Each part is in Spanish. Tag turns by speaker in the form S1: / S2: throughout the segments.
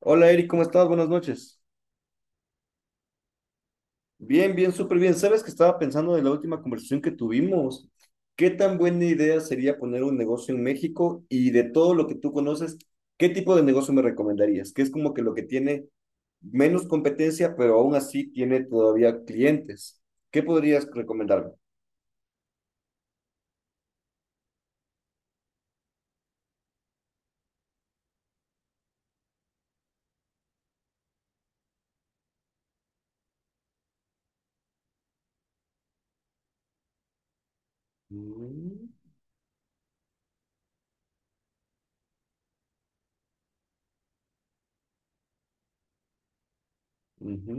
S1: Hola Eric, ¿cómo estás? Buenas noches. Bien, bien, súper bien. ¿Sabes que estaba pensando de la última conversación que tuvimos? ¿Qué tan buena idea sería poner un negocio en México? Y de todo lo que tú conoces, ¿qué tipo de negocio me recomendarías? Que es como que lo que tiene menos competencia, pero aún así tiene todavía clientes. ¿Qué podrías recomendarme? Mm, ujú,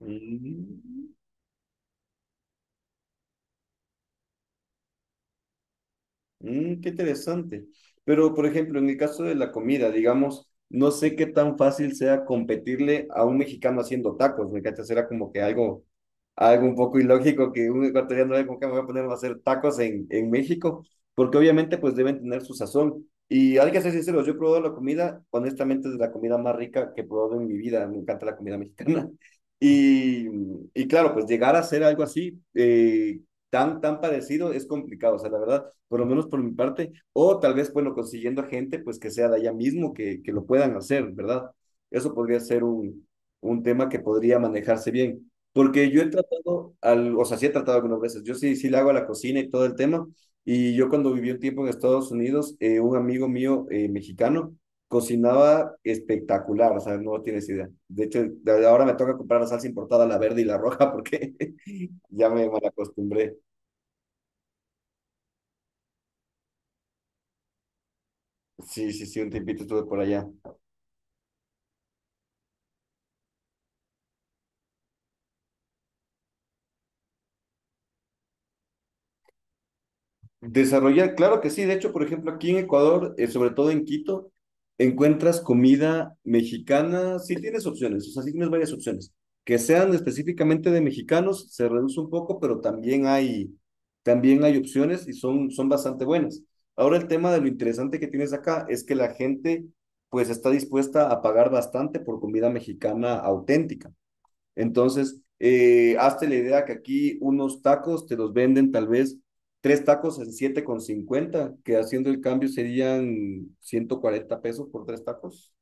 S1: mm. Mm, qué interesante. Pero, por ejemplo, en el caso de la comida, digamos, no sé qué tan fácil sea competirle a un mexicano haciendo tacos, ¿me cachas? Era como que algo, un poco ilógico que un ecuatoriano era como que me voy a poner a hacer tacos en México, porque obviamente pues deben tener su sazón. Y hay que ser sinceros, yo he probado la comida, honestamente es de la comida más rica que he probado en mi vida, me encanta la comida mexicana. Y, y claro, pues llegar a hacer algo así, tan parecido, es complicado, o sea, la verdad por lo menos por mi parte, o tal vez, bueno, consiguiendo gente, pues que sea de allá mismo, que lo puedan hacer, ¿verdad? Eso podría ser un tema que podría manejarse bien, porque yo he tratado, o sea, sí he tratado algunas veces, yo sí le hago a la cocina y todo el tema, y yo cuando viví un tiempo en Estados Unidos, un amigo mío mexicano cocinaba espectacular, o sea, no tienes idea. De hecho, de ahora me toca comprar la salsa importada, la verde y la roja, porque ya me mal acostumbré. Sí, sí, sí, un tiempito estuve por allá. Desarrollar, claro que sí. De hecho, por ejemplo, aquí en Ecuador, sobre todo en Quito, encuentras comida mexicana. Sí tienes opciones, o sea, sí tienes varias opciones. Que sean específicamente de mexicanos, se reduce un poco, pero también hay opciones y son bastante buenas. Ahora el tema de lo interesante que tienes acá es que la gente pues está dispuesta a pagar bastante por comida mexicana auténtica. Entonces, hazte la idea que aquí unos tacos te los venden tal vez tres tacos en 7,50 que haciendo el cambio serían 140 pesos por tres tacos.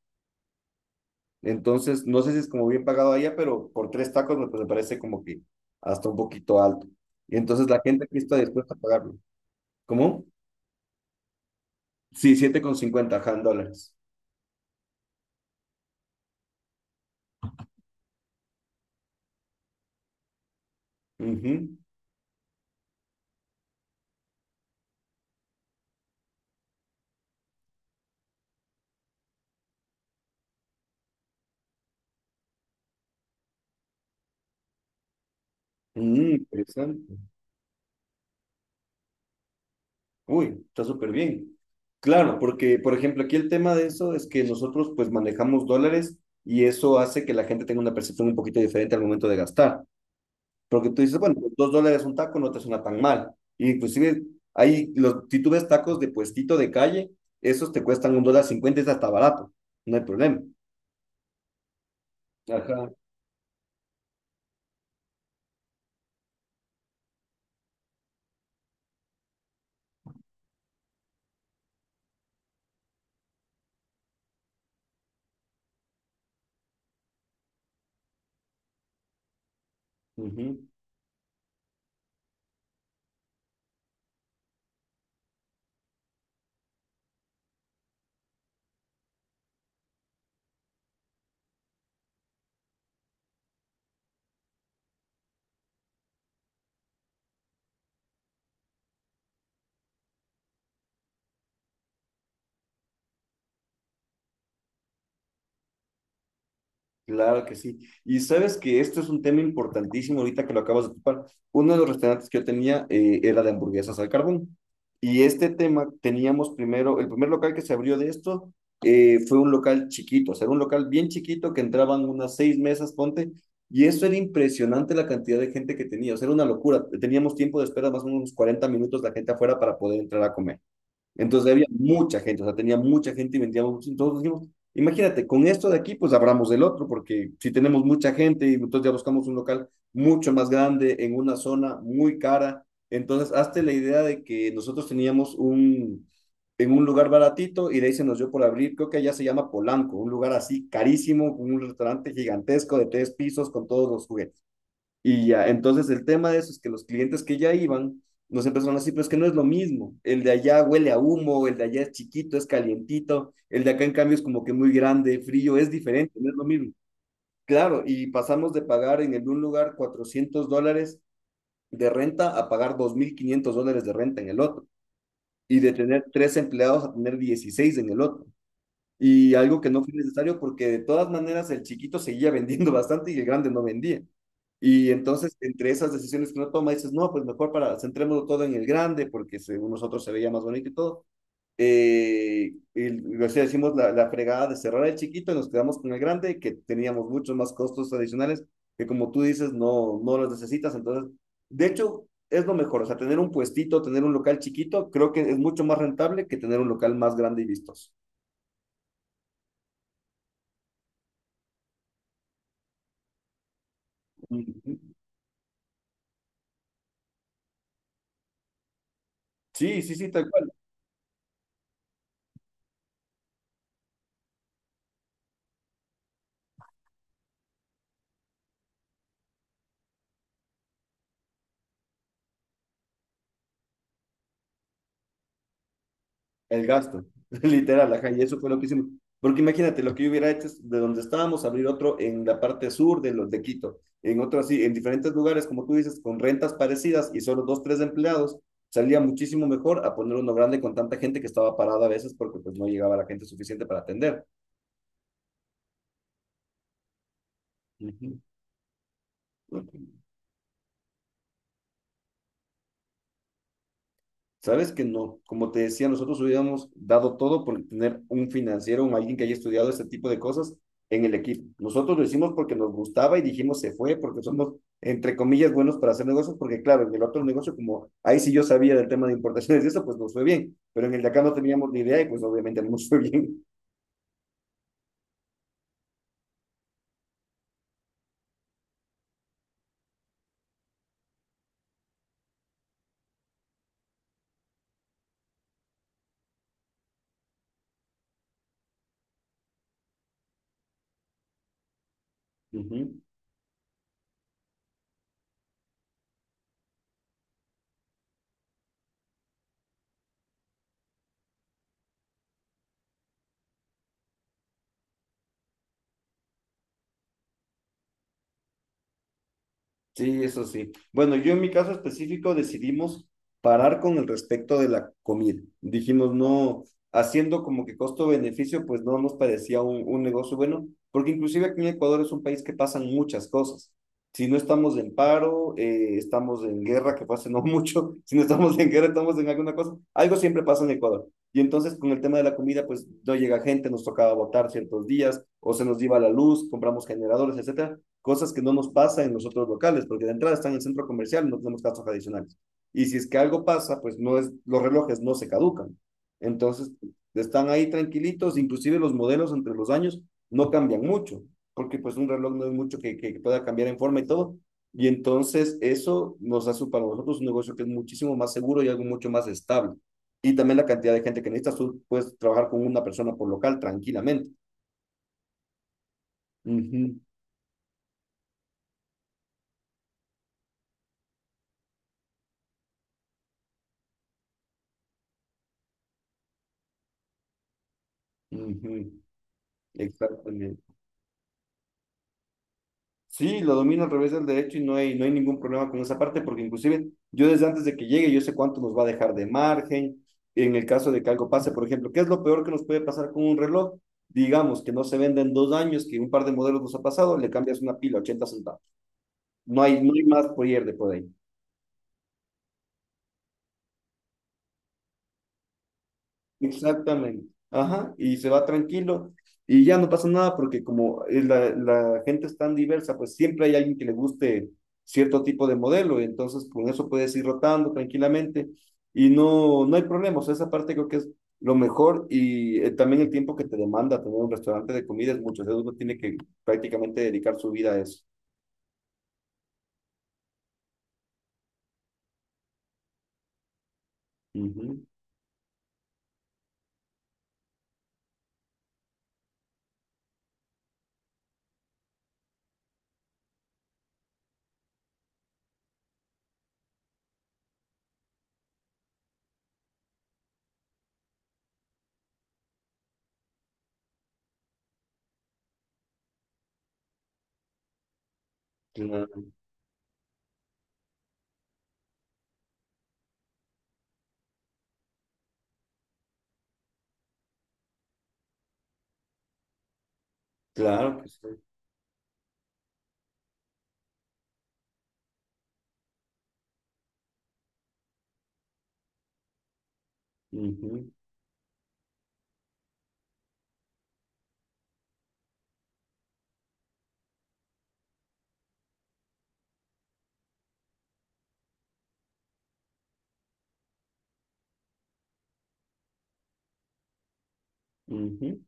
S1: Entonces, no sé si es como bien pagado allá, pero por tres tacos me, pues, me parece como que hasta un poquito alto. Y entonces la gente aquí está dispuesta a pagarlo. ¿Cómo? Sí, 7,50, ajá, en dólares. Ujú. Mm, interesante. Uy, está súper bien. Claro, porque, por ejemplo, aquí el tema de eso es que nosotros pues manejamos dólares y eso hace que la gente tenga una percepción un poquito diferente al momento de gastar. Porque tú dices, bueno, pues, 2 dólares un taco no te suena tan mal. Y inclusive ahí, los, si tú ves tacos de puestito de calle, esos te cuestan 1,50 dólares, es hasta barato, no hay problema. Ajá. Ujú. Claro que sí. Y sabes que esto es un tema importantísimo ahorita que lo acabas de ocupar. Uno de los restaurantes que yo tenía era de hamburguesas al carbón. Y este tema teníamos primero, el primer local que se abrió de esto fue un local chiquito, o sea, era un local bien chiquito que entraban unas seis mesas, ponte. Y eso era impresionante la cantidad de gente que tenía, o sea, era una locura. Teníamos tiempo de espera más o menos unos 40 minutos la gente afuera para poder entrar a comer. Entonces había mucha gente, o sea, tenía mucha gente y vendíamos mucho. Entonces dijimos, imagínate, con esto de aquí, pues abramos el otro, porque si tenemos mucha gente y entonces ya buscamos un local mucho más grande en una zona muy cara. Entonces, hazte la idea de que nosotros teníamos en un lugar baratito y de ahí se nos dio por abrir, creo que allá se llama Polanco, un lugar así carísimo, con un restaurante gigantesco de tres pisos con todos los juguetes. Y ya, entonces el tema de eso es que los clientes que ya iban nos empezaron así, pero es que no es lo mismo. El de allá huele a humo, el de allá es chiquito, es calientito, el de acá en cambio es como que muy grande, frío, es diferente, no es lo mismo. Claro, y pasamos de pagar en el un lugar 400 dólares de renta a pagar 2.500 dólares de renta en el otro, y de tener tres empleados a tener 16 en el otro. Y algo que no fue necesario porque de todas maneras el chiquito seguía vendiendo bastante y el grande no vendía. Y entonces, entre esas decisiones que uno toma, dices, no, pues mejor para, centrémonos todo en el grande, porque según nosotros se veía más bonito y todo. Y, o sea, hicimos la fregada de cerrar el chiquito y nos quedamos con el grande, que teníamos muchos más costos adicionales, que como tú dices, no, no los necesitas. Entonces, de hecho, es lo mejor. O sea, tener un puestito, tener un local chiquito, creo que es mucho más rentable que tener un local más grande y vistoso. Sí, sí, sí, tal cual. El gasto, literal, ajá, y eso fue lo que hicimos. Porque imagínate, lo que yo hubiera hecho es de donde estábamos, abrir otro en la parte sur de los de Quito, en otro así, en diferentes lugares, como tú dices, con rentas parecidas y solo dos, tres empleados, salía muchísimo mejor a poner uno grande con tanta gente que estaba parada a veces porque pues no llegaba la gente suficiente para atender. Ujú. Sabes que no, como te decía, nosotros hubiéramos dado todo por tener un financiero, un alguien que haya estudiado este tipo de cosas en el equipo. Nosotros lo hicimos porque nos gustaba y dijimos se fue porque somos, entre comillas, buenos para hacer negocios, porque claro, en el otro negocio, como ahí sí yo sabía del tema de importaciones y eso, pues nos fue bien, pero en el de acá no teníamos ni idea y pues obviamente no nos fue bien. Ujú. Sí, eso sí. Bueno, yo en mi caso específico decidimos parar con el respecto de la comida. Dijimos, no, haciendo como que costo-beneficio, pues no nos parecía un negocio bueno, porque inclusive aquí en Ecuador es un país que pasan muchas cosas. Si no estamos en paro, estamos en guerra, que pase no mucho, si no estamos en guerra, estamos en alguna cosa, algo siempre pasa en Ecuador. Y entonces con el tema de la comida, pues no llega gente, nos tocaba votar ciertos días, o se nos iba la luz, compramos generadores, etcétera cosas que no nos pasa en los otros locales, porque de entrada están en el centro comercial, no tenemos casos adicionales. Y si es que algo pasa, pues no es, los relojes no se caducan. Entonces, están ahí tranquilitos, inclusive los modelos entre los años no cambian mucho, porque pues un reloj no es mucho que pueda cambiar en forma y todo. Y entonces eso nos hace para nosotros un negocio que es muchísimo más seguro y algo mucho más estable. Y también la cantidad de gente que necesitas, tú puedes trabajar con una persona por local tranquilamente. Uh -huh, uh -huh. Exactamente. Sí, lo domino al revés del derecho y no, hay, no hay ningún problema con esa parte, porque inclusive yo desde antes de que llegue, yo sé cuánto nos va a dejar de margen en el caso de que algo pase, por ejemplo, ¿qué es lo peor que nos puede pasar con un reloj? Digamos que no se venda en 2 años, que un par de modelos nos ha pasado, le cambias una pila, 80 centavos. No hay, no hay más pierde por ahí. Exactamente. Ajá, y se va tranquilo y ya no pasa nada porque como es la gente es tan diversa, pues siempre hay alguien que le guste cierto tipo de modelo y entonces con eso puedes ir rotando tranquilamente y no, no hay problemas. O sea, esa parte creo que es lo mejor y también el tiempo que te demanda tener un restaurante de comida es mucho. O sea, uno tiene que prácticamente dedicar su vida a eso. Ujú, claro, claro que sí. Ujú, ujú.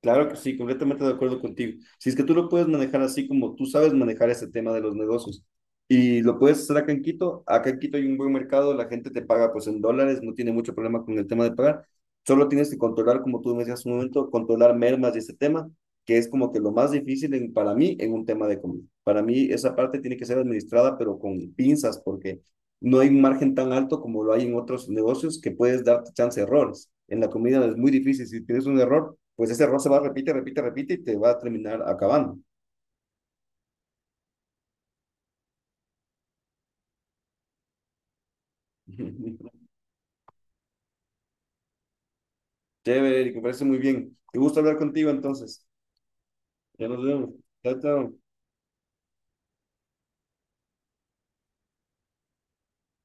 S1: Claro que sí, completamente de acuerdo contigo. Si es que tú lo puedes manejar así como tú sabes manejar ese tema de los negocios y lo puedes hacer acá en Quito hay un buen mercado, la gente te paga pues en dólares, no tiene mucho problema con el tema de pagar, solo tienes que controlar, como tú me decías hace un momento, controlar mermas y ese tema, que es como que lo más difícil para mí en un tema de comida. Para mí esa parte tiene que ser administrada pero con pinzas porque no hay un margen tan alto como lo hay en otros negocios que puedes darte chance de errores. En la comida es muy difícil, si tienes un error pues ese error se va, repite, repite, repite y te va a terminar acabando. Chévere, Eric, me parece muy bien. Qué gusto hablar contigo entonces. Ya nos vemos. Chao, chao.